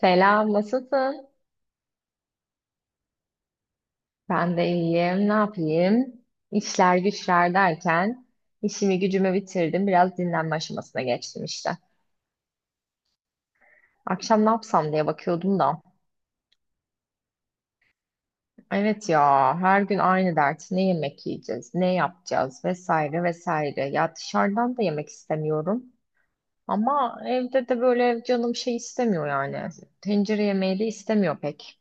Selam, nasılsın? Ben de iyiyim, ne yapayım? İşler güçler derken işimi gücümü bitirdim. Biraz dinlenme aşamasına geçtim işte. Akşam ne yapsam diye bakıyordum da. Evet ya, her gün aynı dert. Ne yemek yiyeceğiz, ne yapacağız vesaire vesaire. Ya dışarıdan da yemek istemiyorum. Ama evde de böyle canım şey istemiyor yani. Tencere yemeği de istemiyor pek.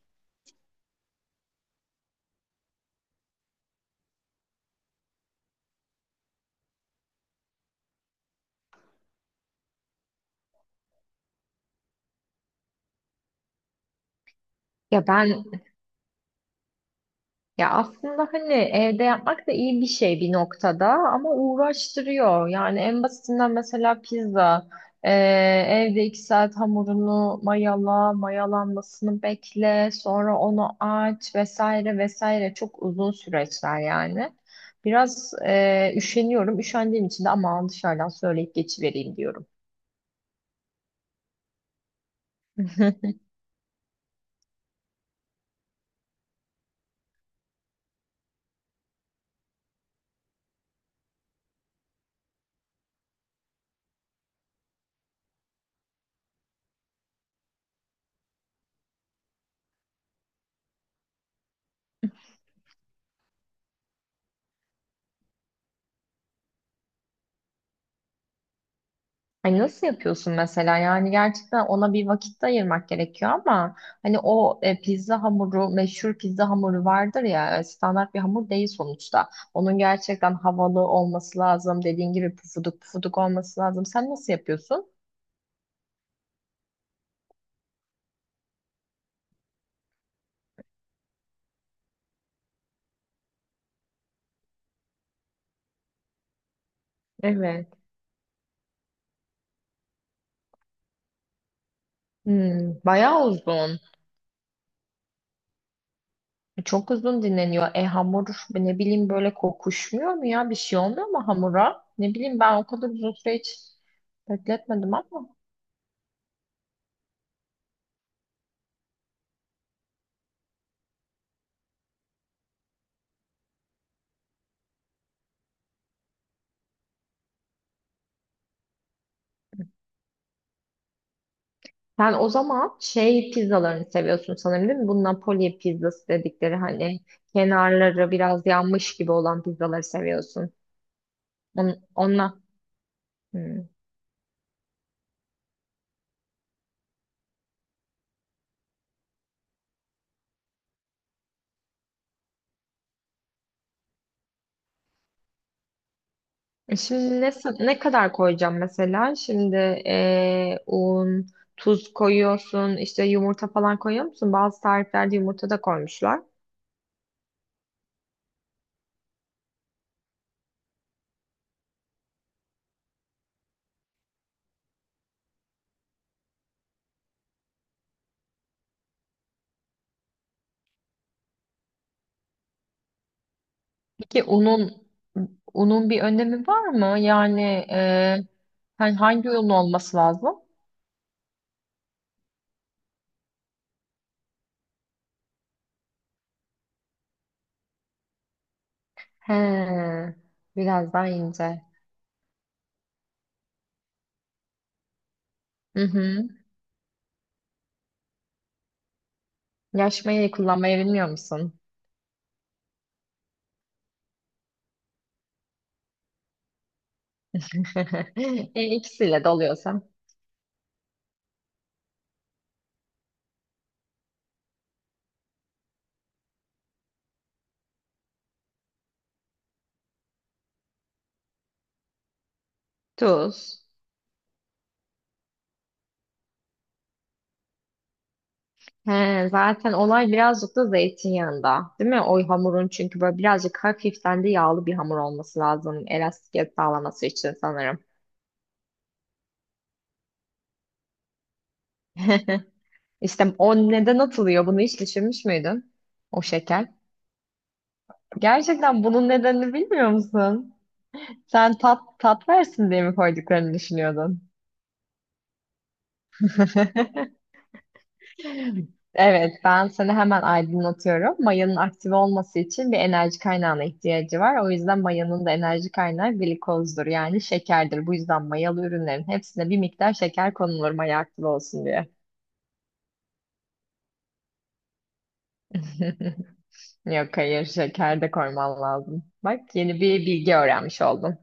Ya ben Ya aslında hani evde yapmak da iyi bir şey bir noktada ama uğraştırıyor. Yani en basitinden mesela pizza. Ee, Evde iki saat hamurunu mayala, mayalanmasını bekle, sonra onu aç vesaire vesaire çok uzun süreçler yani. Biraz üşeniyorum. Üşendiğim için de aman dışarıdan söyleyip geçivereyim diyorum. Hani nasıl yapıyorsun mesela? Yani gerçekten ona bir vakit de ayırmak gerekiyor ama hani o pizza hamuru, meşhur pizza hamuru vardır ya, standart bir hamur değil sonuçta. Onun gerçekten havalı olması lazım. Dediğin gibi pufuduk pufuduk olması lazım. Sen nasıl yapıyorsun? Evet. Hmm, bayağı uzun. Çok uzun dinleniyor. E hamur ne bileyim böyle kokuşmuyor mu ya? Bir şey olmuyor mu hamura? Ne bileyim ben o kadar uzun süre hiç bekletmedim ama. Sen o zaman şey pizzalarını seviyorsun sanırım, değil mi? Bu Napoli pizzası dedikleri hani kenarları biraz yanmış gibi olan pizzaları seviyorsun. On, onunla. Hmm. E şimdi ne, ne kadar koyacağım mesela? Şimdi un, tuz koyuyorsun, işte yumurta falan koyuyor musun? Bazı tariflerde yumurta da koymuşlar. Peki unun bir önemi var mı? Yani e, hani hangi un olması lazım? He, biraz daha ince. Hı hı. Yaşmayı kullanmayı bilmiyor musun? E, ikisiyle de oluyorsa. Tuz. He, zaten olay birazcık da zeytinyağında, değil mi? O hamurun çünkü böyle birazcık hafiften de yağlı bir hamur olması lazım. Elastikiyet sağlaması için sanırım. İşte o neden atılıyor? Bunu hiç düşünmüş müydün? O şeker. Gerçekten bunun nedenini bilmiyor musun? Sen tat versin diye mi koyduklarını düşünüyordun? Evet, ben seni hemen aydınlatıyorum. Mayanın aktif olması için bir enerji kaynağına ihtiyacı var. O yüzden mayanın da enerji kaynağı glikozdur, yani şekerdir. Bu yüzden mayalı ürünlerin hepsine bir miktar şeker konulur maya aktif olsun diye. Yok hayır, şeker de koyman lazım. Bak yeni bir bilgi öğrenmiş oldum.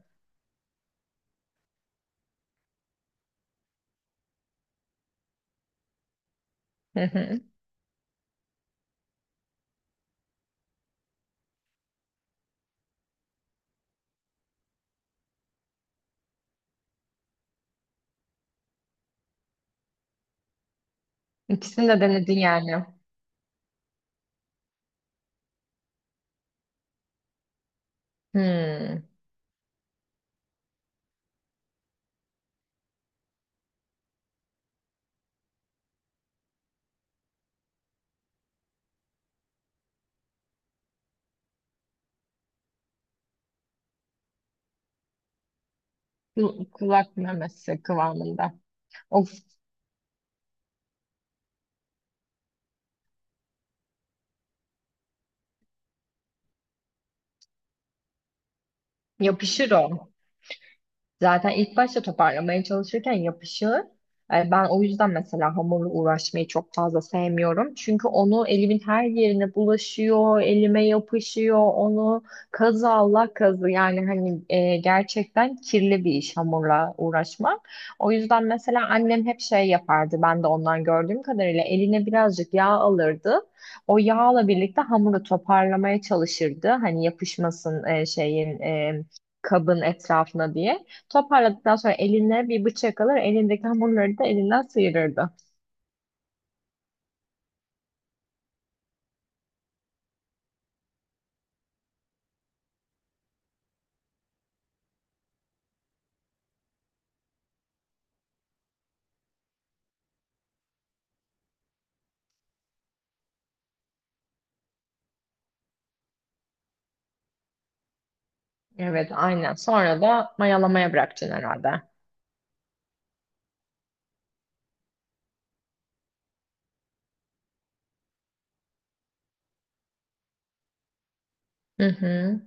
İkisini de denedin yani. Hmm. Kul- Kulak memesi kıvamında. Of yapışır o. Zaten ilk başta toparlamaya çalışırken yapışır. E, ben o yüzden mesela hamurla uğraşmayı çok fazla sevmiyorum. Çünkü onu elimin her yerine bulaşıyor, elime yapışıyor, onu kazı Allah kazı. Yani hani gerçekten kirli bir iş hamurla uğraşmak. O yüzden mesela annem hep şey yapardı. Ben de ondan gördüğüm kadarıyla eline birazcık yağ alırdı. O yağla birlikte hamuru toparlamaya çalışırdı. Hani yapışmasın kabın etrafına diye. Toparladıktan sonra eline bir bıçak alır, elindeki hamurları da elinden sıyırırdı. Evet, aynen. Sonra da mayalamaya bırakacaksın herhalde. Hı hı.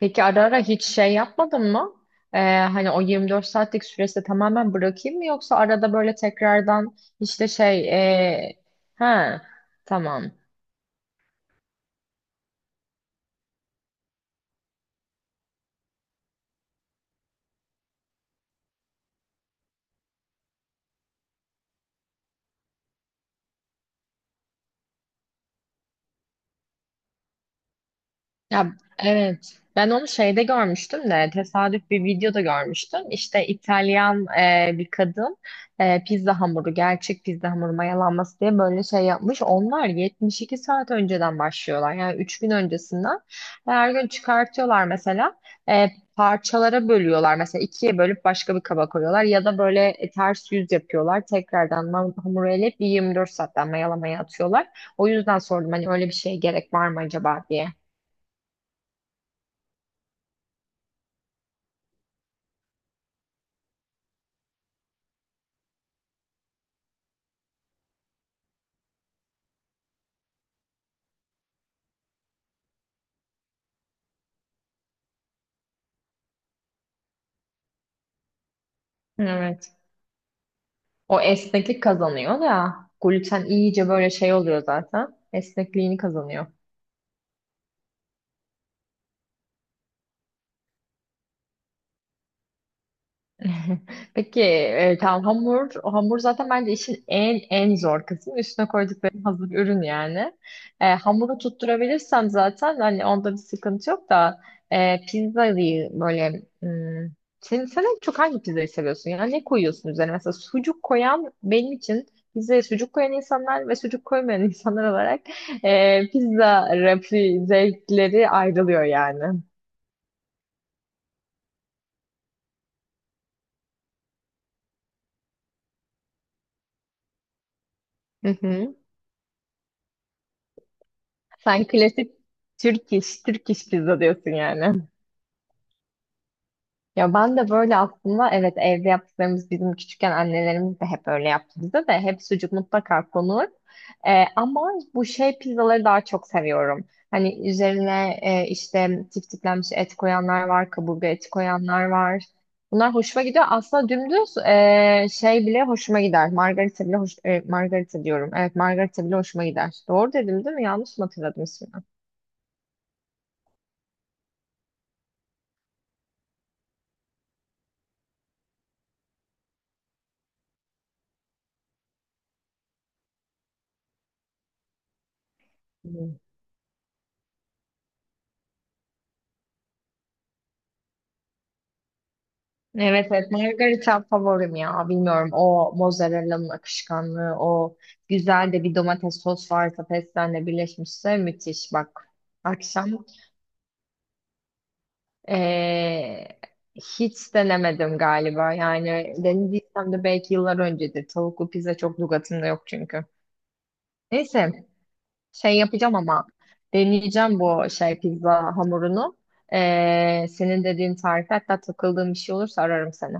Peki ara ara hiç şey yapmadın mı? Hani o 24 saatlik süresi tamamen bırakayım mı yoksa arada böyle tekrardan işte şey ha, tamam. Ya evet. Ben onu şeyde görmüştüm de tesadüf bir videoda görmüştüm. İşte İtalyan bir kadın pizza hamuru, gerçek pizza hamuru mayalanması diye böyle şey yapmış. Onlar 72 saat önceden başlıyorlar. Yani 3 gün öncesinden. Ve her gün çıkartıyorlar mesela. E, Parçalara bölüyorlar. Mesela ikiye bölüp başka bir kaba koyuyorlar. Ya da böyle ters yüz yapıyorlar. Tekrardan hamuru eleyip bir 24 saatten mayalamaya atıyorlar. O yüzden sordum hani öyle bir şeye gerek var mı acaba diye. Evet. O esneklik kazanıyor da gluten iyice böyle şey oluyor zaten. Esnekliğini kazanıyor. Peki tamam, hamur zaten bence işin en zor kısmı üstüne koydukları hazır ürün yani. E, hamuru tutturabilirsem zaten hani onda bir sıkıntı yok da pizzayı böyle hmm, sen en çok hangi pizzayı seviyorsun, yani ne koyuyorsun üzerine mesela? Sucuk koyan benim için, pizzaya sucuk koyan insanlar ve sucuk koymayan insanlar olarak pizza rafi zevkleri ayrılıyor yani. Sen klasik Türk iş pizza diyorsun yani. Ya ben de böyle aslında, evet, evde yaptıklarımız bizim küçükken annelerimiz de hep öyle yaptı, bize de hep sucuk mutlaka konur. Ama bu şey pizzaları daha çok seviyorum. Hani üzerine işte tiftiklenmiş et koyanlar var, kaburga eti koyanlar var. Bunlar hoşuma gidiyor. Aslında dümdüz şey bile hoşuma gider. Margarita bile hoş, margarita diyorum. Evet, margarita bile hoşuma gider. Doğru dedim değil mi? Yanlış mı hatırladım ismini? Evet evet, margarita favorim ya, bilmiyorum, o mozzarella'nın akışkanlığı, o güzel de bir domates sos varsa pestenle birleşmişse müthiş. Bak akşam eee, hiç denemedim galiba, yani denediysem de belki yıllar öncedir, tavuklu pizza çok lügatımda yok çünkü. Neyse, şey yapacağım ama, deneyeceğim bu şey pizza hamurunu. Senin dediğin tarif, hatta takıldığım bir şey olursa ararım seni.